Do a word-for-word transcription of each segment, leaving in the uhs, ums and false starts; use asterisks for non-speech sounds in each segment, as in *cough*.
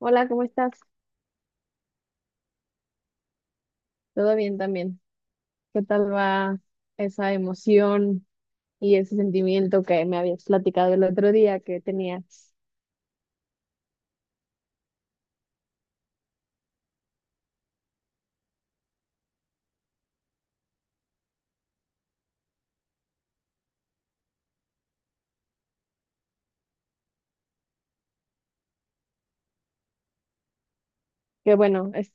Hola, ¿cómo estás? Todo bien también. ¿Qué tal va esa emoción y ese sentimiento que me habías platicado el otro día que tenías? Que bueno, es,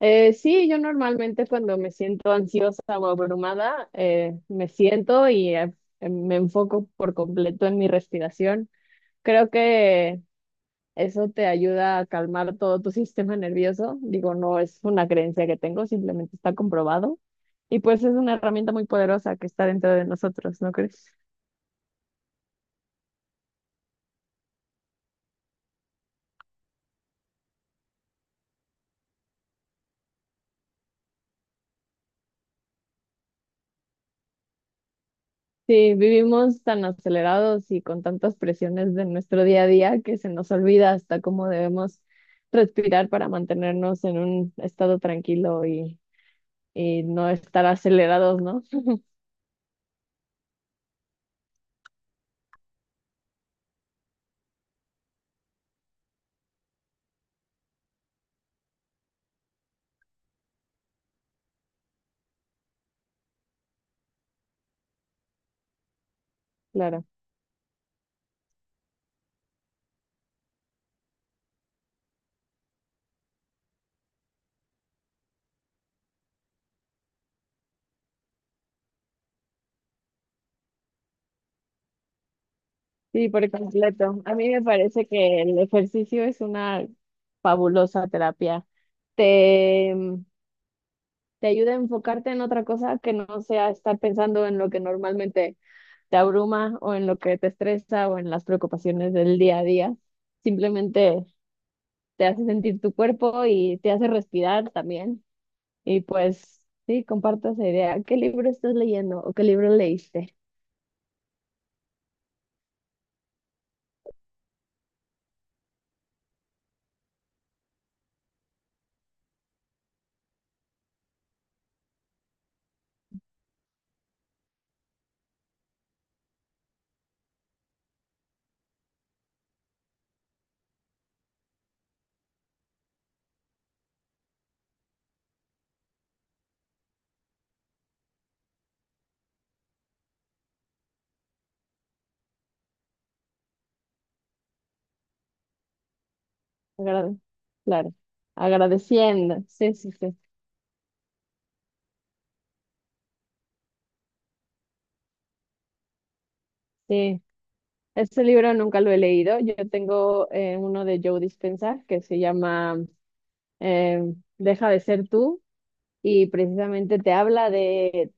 eh, sí, yo normalmente cuando me siento ansiosa o abrumada, eh, me siento y eh, me enfoco por completo en mi respiración. Creo que eso te ayuda a calmar todo tu *laughs* sistema nervioso. Digo, no es una creencia que tengo, simplemente está comprobado. Y pues es una herramienta muy poderosa que está dentro de nosotros, ¿no crees? Sí, vivimos tan acelerados y con tantas presiones de nuestro día a día que se nos olvida hasta cómo debemos respirar para mantenernos en un estado tranquilo y, y no estar acelerados, ¿no? *laughs* Claro. Sí, por completo. A mí me parece que el ejercicio es una fabulosa terapia. Te, mm, te ayuda a enfocarte en otra cosa que no sea estar pensando en lo que normalmente te abruma o en lo que te estresa o en las preocupaciones del día a día. Simplemente te hace sentir tu cuerpo y te hace respirar también. Y pues sí, comparto esa idea. ¿Qué libro estás leyendo o qué libro leíste? Agra- claro, agradeciendo. Sí, sí, sí. Sí, este libro nunca lo he leído. Yo tengo eh, uno de Joe Dispenza que se llama eh, Deja de ser tú, y precisamente te habla de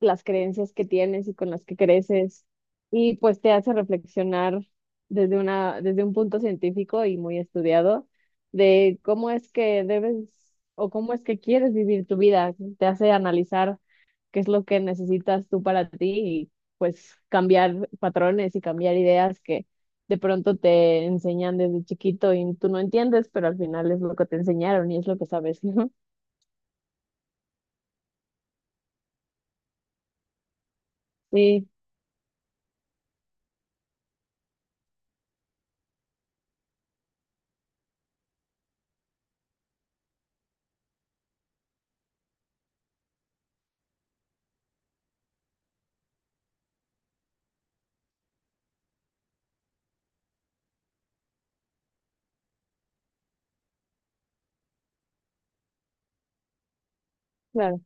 las creencias que tienes y con las que creces, y pues te hace reflexionar desde una, desde un punto científico y muy estudiado de cómo es que debes o cómo es que quieres vivir tu vida. Te hace analizar qué es lo que necesitas tú para ti y pues cambiar patrones y cambiar ideas que de pronto te enseñan desde chiquito y tú no entiendes, pero al final es lo que te enseñaron y es lo que sabes, *laughs* ¿no? Sí, claro,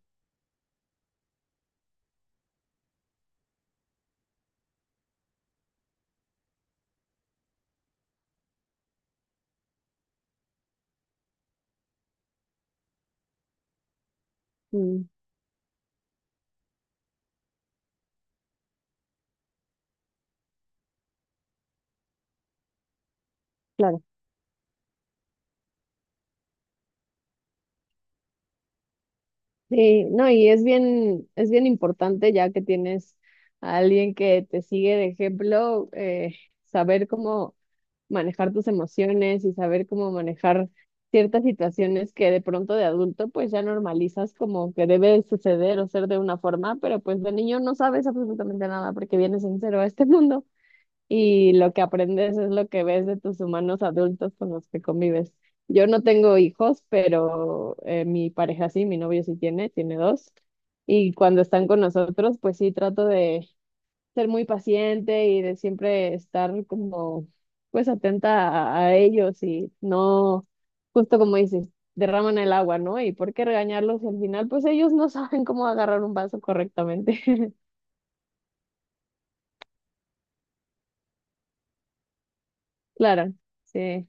mm, claro. Sí, no, y es bien, es bien importante ya que tienes a alguien que te sigue de ejemplo, eh, saber cómo manejar tus emociones y saber cómo manejar ciertas situaciones que de pronto de adulto pues ya normalizas como que debe suceder o ser de una forma, pero pues de niño no sabes absolutamente nada porque vienes en cero a este *laughs* mundo, y lo que aprendes es lo que ves de tus humanos adultos con los que convives. Yo no tengo hijos, pero eh, mi pareja sí, mi novio sí tiene, tiene dos. Y cuando están con nosotros, pues sí trato de ser muy paciente y de siempre estar como pues atenta a, a ellos y no, justo como dices, derraman el agua, ¿no? ¿Y por qué regañarlos? Y al final, pues ellos no *laughs* saben cómo agarrar un vaso correctamente. *laughs* Claro, sí,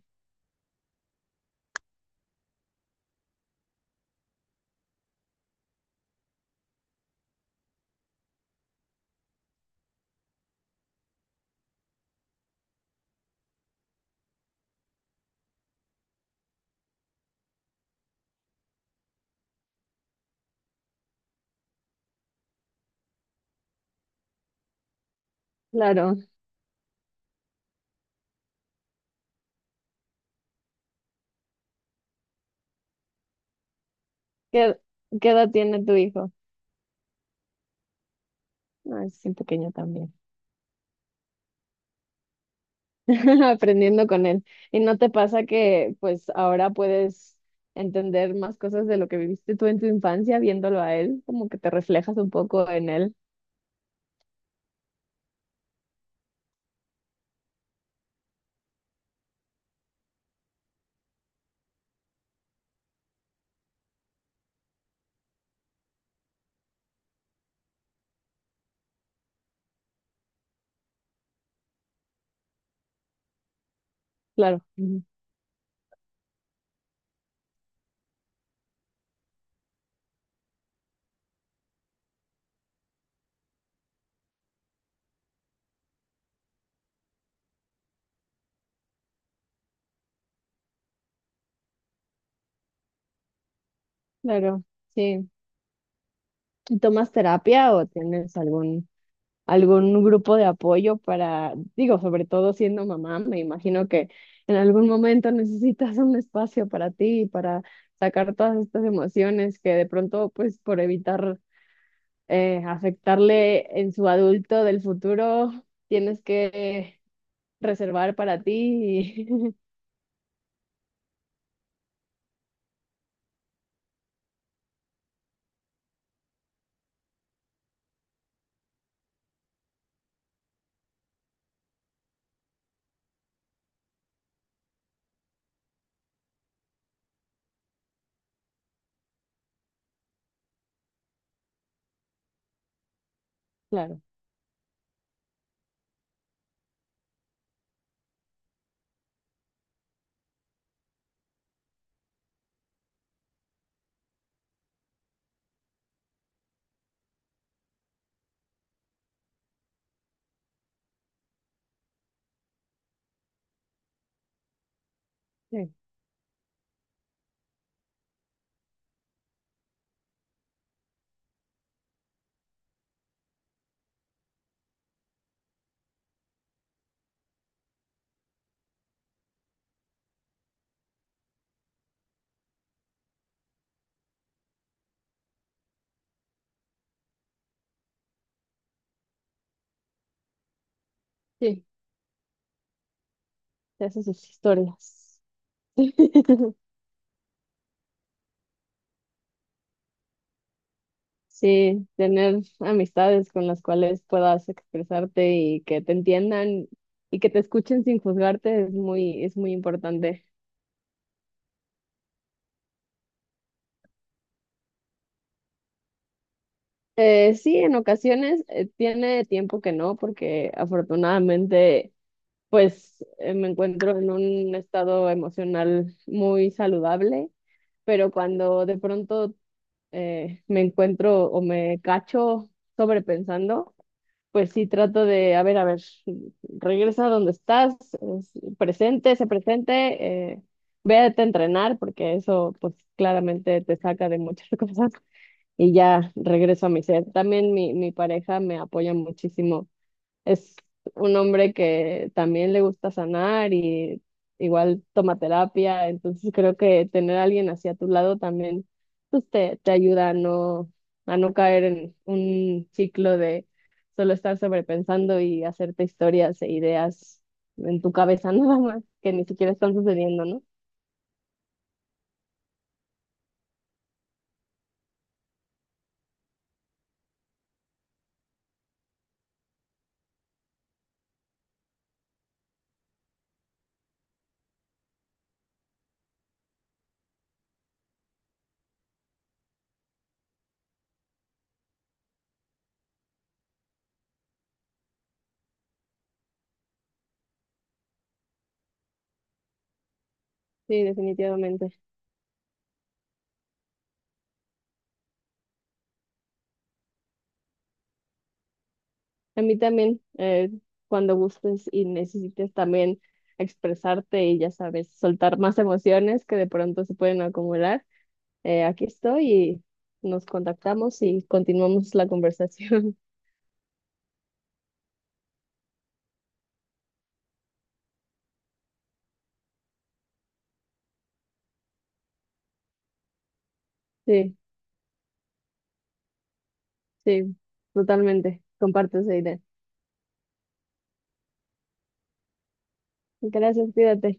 claro. ¿Qué, qué edad tiene tu hijo? No, es bien pequeño también. *laughs* Aprendiendo con él. ¿Y no te pasa que pues ahora puedes entender más cosas de lo que viviste tú en tu infancia viéndolo a él? Como que te reflejas un poco en él. Claro. Claro, sí. ¿Y tomas terapia o tienes algún, algún grupo de apoyo para, digo, sobre todo siendo mamá? Me imagino que en algún momento *laughs* necesitas un espacio para ti, para sacar todas estas emociones que de pronto, pues por evitar eh, afectarle en su adulto del futuro, tienes que reservar para ti y *laughs* claro, sí, sí, te haces sus historias. *laughs* Sí, tener amistades con las cuales puedas expresarte y que te entiendan y que te escuchen sin juzgarte es muy, es muy importante. Eh, sí, en ocasiones eh, tiene tiempo que no, porque afortunadamente pues eh, me encuentro en un estado emocional muy saludable, pero cuando de pronto eh, me encuentro o me cacho sobrepensando, pues sí trato de, a ver, a ver, regresa a donde estás, es- presente, sé presente, eh, vete a entrenar, porque eso pues claramente te saca de muchas *laughs* cosas y ya regreso a mi ser. También mi, mi pareja me apoya muchísimo, es un hombre que también le gusta sanar y igual toma terapia, entonces creo que tener a alguien así a tu lado también pues te, te ayuda a no, a no caer en un ciclo de solo estar sobrepensando y hacerte historias e ideas en tu cabeza *laughs* nada más que ni siquiera están sucediendo, ¿no? Sí, definitivamente. A mí también, eh, cuando gustes y necesites también expresarte y ya sabes, soltar más emociones que de pronto se pueden acumular, eh, aquí estoy y nos contactamos y continuamos la conversación. *laughs* Sí, sí, totalmente. Comparto esa idea. Gracias, cuídate.